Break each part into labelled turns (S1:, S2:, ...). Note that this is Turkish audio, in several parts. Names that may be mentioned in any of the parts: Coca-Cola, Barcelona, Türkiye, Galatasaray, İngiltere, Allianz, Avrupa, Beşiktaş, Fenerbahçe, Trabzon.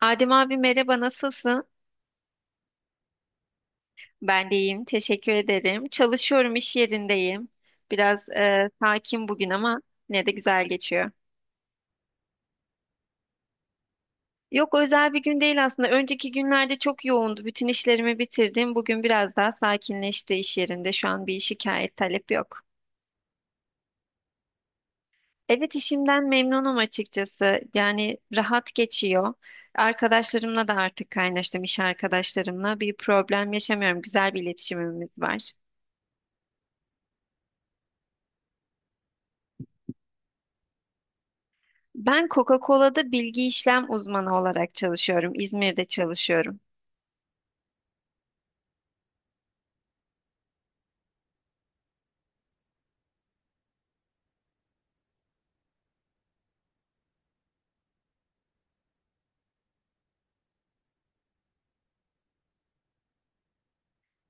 S1: Adem abi merhaba nasılsın? Ben de iyiyim teşekkür ederim. Çalışıyorum, iş yerindeyim. Biraz sakin bugün ama ne de güzel geçiyor. Yok, özel bir gün değil aslında. Önceki günlerde çok yoğundu. Bütün işlerimi bitirdim. Bugün biraz daha sakinleşti iş yerinde. Şu an bir şikayet talep yok. Evet, işimden memnunum açıkçası. Yani rahat geçiyor. Arkadaşlarımla da artık kaynaştım, iş arkadaşlarımla. Bir problem yaşamıyorum. Güzel bir iletişimimiz var. Ben Coca-Cola'da bilgi işlem uzmanı olarak çalışıyorum. İzmir'de çalışıyorum.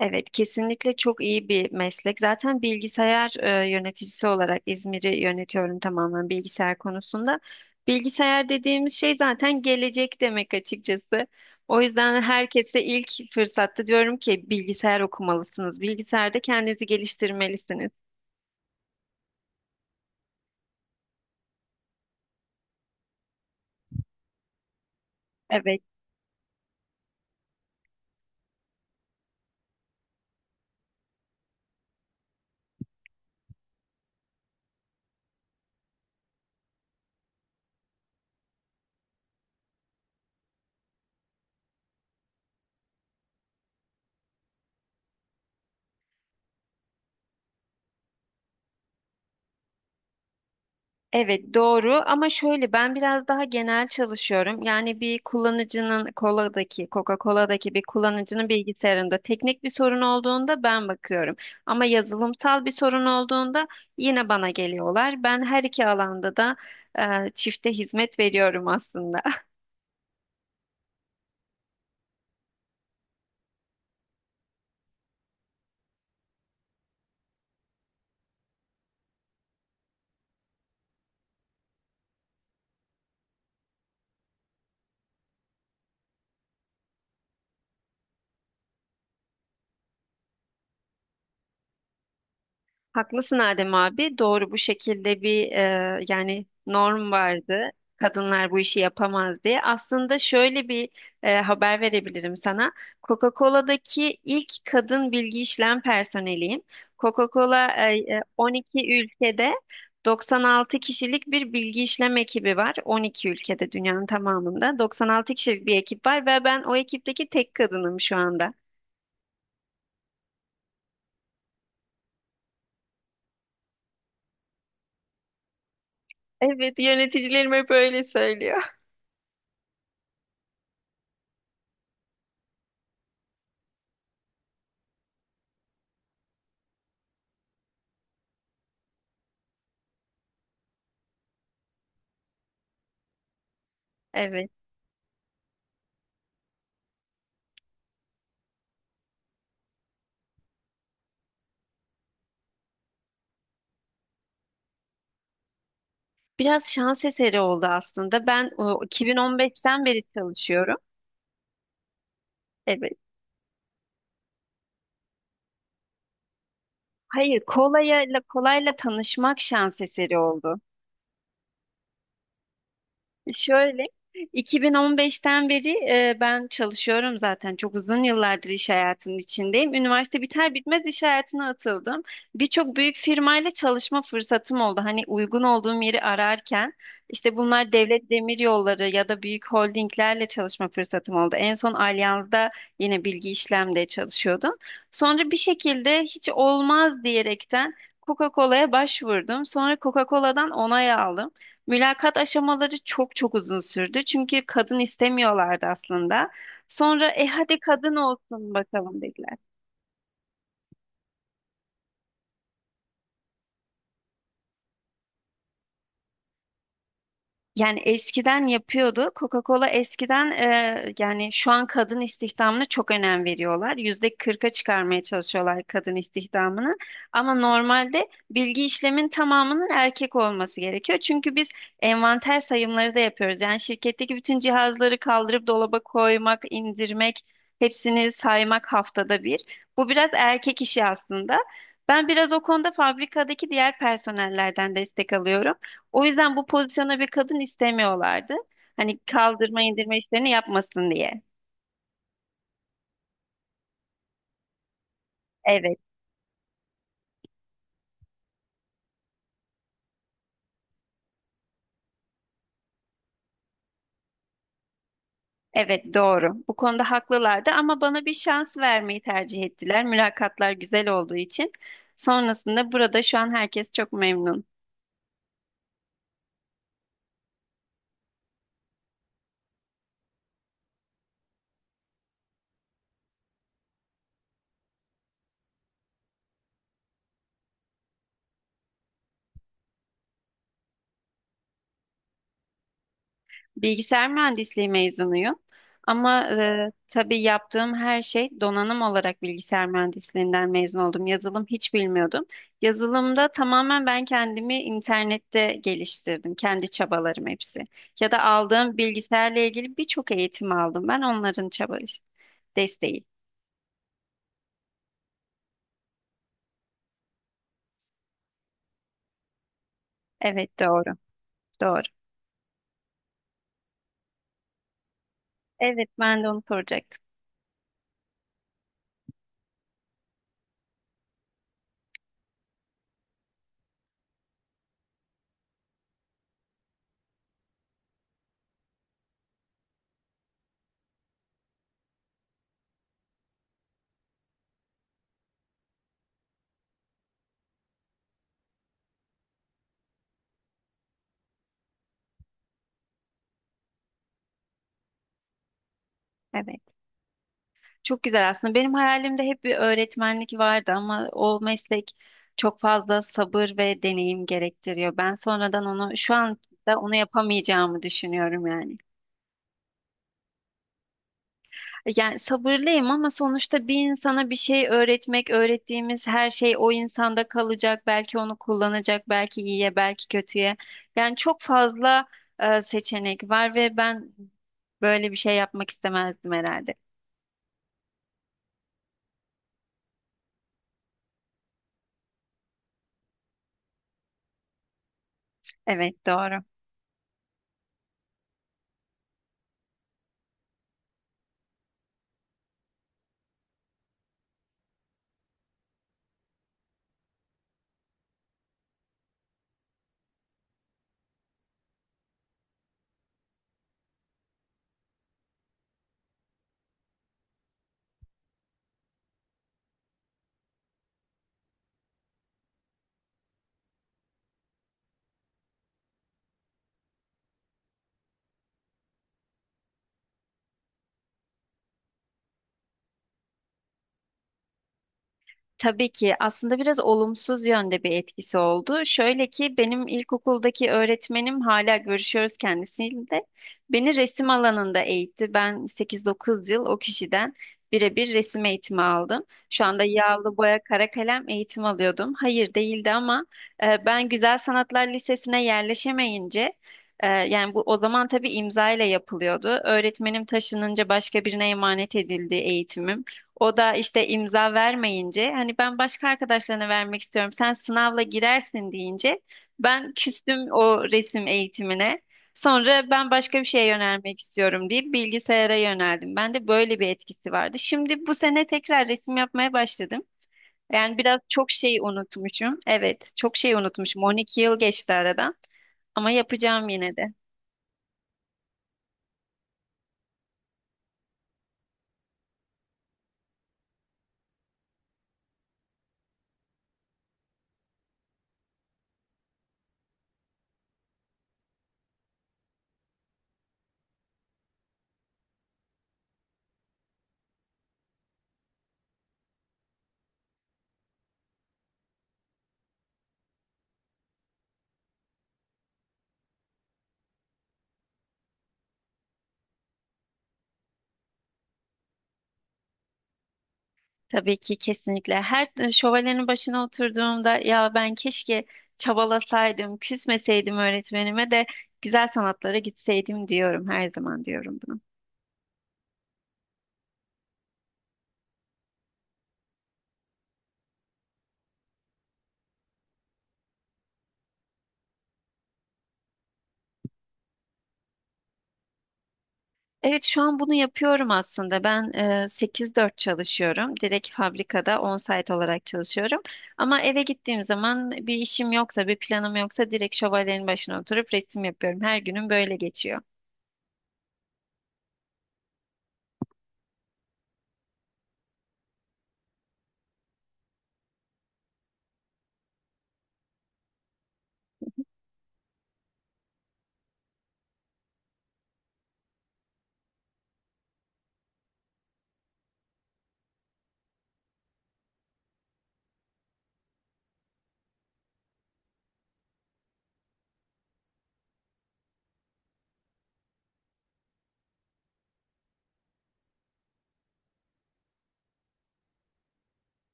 S1: Evet, kesinlikle çok iyi bir meslek. Zaten bilgisayar yöneticisi olarak İzmir'i yönetiyorum, tamamen bilgisayar konusunda. Bilgisayar dediğimiz şey zaten gelecek demek açıkçası. O yüzden herkese ilk fırsatta diyorum ki bilgisayar okumalısınız. Bilgisayarda kendinizi geliştirmelisiniz. Evet. Evet doğru, ama şöyle, ben biraz daha genel çalışıyorum. Yani bir kullanıcının koladaki, Coca-Cola'daki bir kullanıcının bilgisayarında teknik bir sorun olduğunda ben bakıyorum. Ama yazılımsal bir sorun olduğunda yine bana geliyorlar. Ben her iki alanda da e, çifte hizmet veriyorum aslında. Haklısın Adem abi. Doğru, bu şekilde bir yani norm vardı. Kadınlar bu işi yapamaz diye. Aslında şöyle bir haber verebilirim sana. Coca-Cola'daki ilk kadın bilgi işlem personeliyim. Coca-Cola 12 ülkede 96 kişilik bir bilgi işlem ekibi var. 12 ülkede, dünyanın tamamında 96 kişilik bir ekip var ve ben o ekipteki tek kadınım şu anda. Evet, yöneticilerim hep öyle söylüyor. Evet. Biraz şans eseri oldu aslında. Ben 2015'ten beri çalışıyorum. Evet. Hayır, kolayla kolayla tanışmak şans eseri oldu. Şöyle, 2015'ten beri ben çalışıyorum zaten. Çok uzun yıllardır iş hayatının içindeyim. Üniversite biter bitmez iş hayatına atıldım. Birçok büyük firmayla çalışma fırsatım oldu. Hani uygun olduğum yeri ararken, işte bunlar devlet demir yolları ya da büyük holdinglerle çalışma fırsatım oldu. En son Allianz'da yine bilgi işlemde çalışıyordum. Sonra bir şekilde hiç olmaz diyerekten Coca-Cola'ya başvurdum. Sonra Coca-Cola'dan onay aldım. Mülakat aşamaları çok çok uzun sürdü. Çünkü kadın istemiyorlardı aslında. Sonra hadi kadın olsun bakalım dediler. Yani eskiden yapıyordu. Coca-Cola eskiden, yani şu an kadın istihdamına çok önem veriyorlar. %40'a çıkarmaya çalışıyorlar kadın istihdamını. Ama normalde bilgi işlemin tamamının erkek olması gerekiyor. Çünkü biz envanter sayımları da yapıyoruz. Yani şirketteki bütün cihazları kaldırıp dolaba koymak, indirmek, hepsini saymak, haftada bir. Bu biraz erkek işi aslında. Ben biraz o konuda fabrikadaki diğer personellerden destek alıyorum. O yüzden bu pozisyona bir kadın istemiyorlardı. Hani kaldırma indirme işlerini yapmasın diye. Evet, evet, doğru. Bu konuda haklılardı ama bana bir şans vermeyi tercih ettiler. Mülakatlar güzel olduğu için. Sonrasında burada şu an herkes çok memnun. Bilgisayar mühendisliği mezunuyum. Ama tabii yaptığım her şey donanım olarak, bilgisayar mühendisliğinden mezun oldum. Yazılım hiç bilmiyordum. Yazılımda tamamen ben kendimi internette geliştirdim. Kendi çabalarım hepsi. Ya da aldığım bilgisayarla ilgili birçok eğitim aldım. Ben onların çaba desteği. Evet doğru. Doğru. Evet, ben de onu soracaktım. Evet. Çok güzel aslında. Benim hayalimde hep bir öğretmenlik vardı ama o meslek çok fazla sabır ve deneyim gerektiriyor. Ben sonradan onu, şu anda onu yapamayacağımı düşünüyorum yani. Yani sabırlıyım ama sonuçta bir insana bir şey öğretmek, öğrettiğimiz her şey o insanda kalacak. Belki onu kullanacak, belki iyiye, belki kötüye. Yani çok fazla seçenek var ve ben böyle bir şey yapmak istemezdim herhalde. Evet, doğru. Tabii ki aslında biraz olumsuz yönde bir etkisi oldu. Şöyle ki benim ilkokuldaki öğretmenim, hala görüşüyoruz kendisiyle. Beni resim alanında eğitti. Ben 8-9 yıl o kişiden birebir resim eğitimi aldım. Şu anda yağlı boya, kara kalem eğitim alıyordum. Hayır değildi ama ben Güzel Sanatlar Lisesi'ne yerleşemeyince, yani bu o zaman tabii imza ile yapılıyordu. Öğretmenim taşınınca başka birine emanet edildi eğitimim. O da işte imza vermeyince, hani ben başka arkadaşlarına vermek istiyorum, sen sınavla girersin deyince ben küstüm o resim eğitimine. Sonra ben başka bir şeye yönelmek istiyorum deyip bilgisayara yöneldim. Ben de böyle bir etkisi vardı. Şimdi bu sene tekrar resim yapmaya başladım. Yani biraz çok şey unutmuşum. Evet, çok şey unutmuşum. 12 yıl geçti aradan ama yapacağım yine de. Tabii ki, kesinlikle. Her şövalyenin başına oturduğumda ya ben keşke çabalasaydım, küsmeseydim öğretmenime de güzel sanatlara gitseydim diyorum. Her zaman diyorum bunu. Evet, şu an bunu yapıyorum aslında. Ben 8-4 çalışıyorum. Direkt fabrikada on-site olarak çalışıyorum. Ama eve gittiğim zaman bir işim yoksa, bir planım yoksa direkt şövalyenin başına oturup resim yapıyorum. Her günüm böyle geçiyor.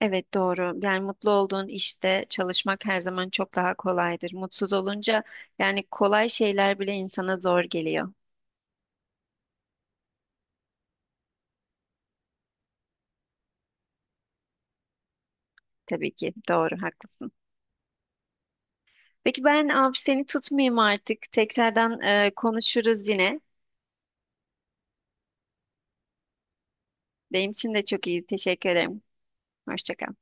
S1: Evet doğru. Yani mutlu olduğun işte çalışmak her zaman çok daha kolaydır. Mutsuz olunca yani kolay şeyler bile insana zor geliyor. Tabii ki doğru, haklısın. Peki ben abi seni tutmayayım artık. Tekrardan konuşuruz yine. Benim için de çok iyi. Teşekkür ederim. Hoşça kal.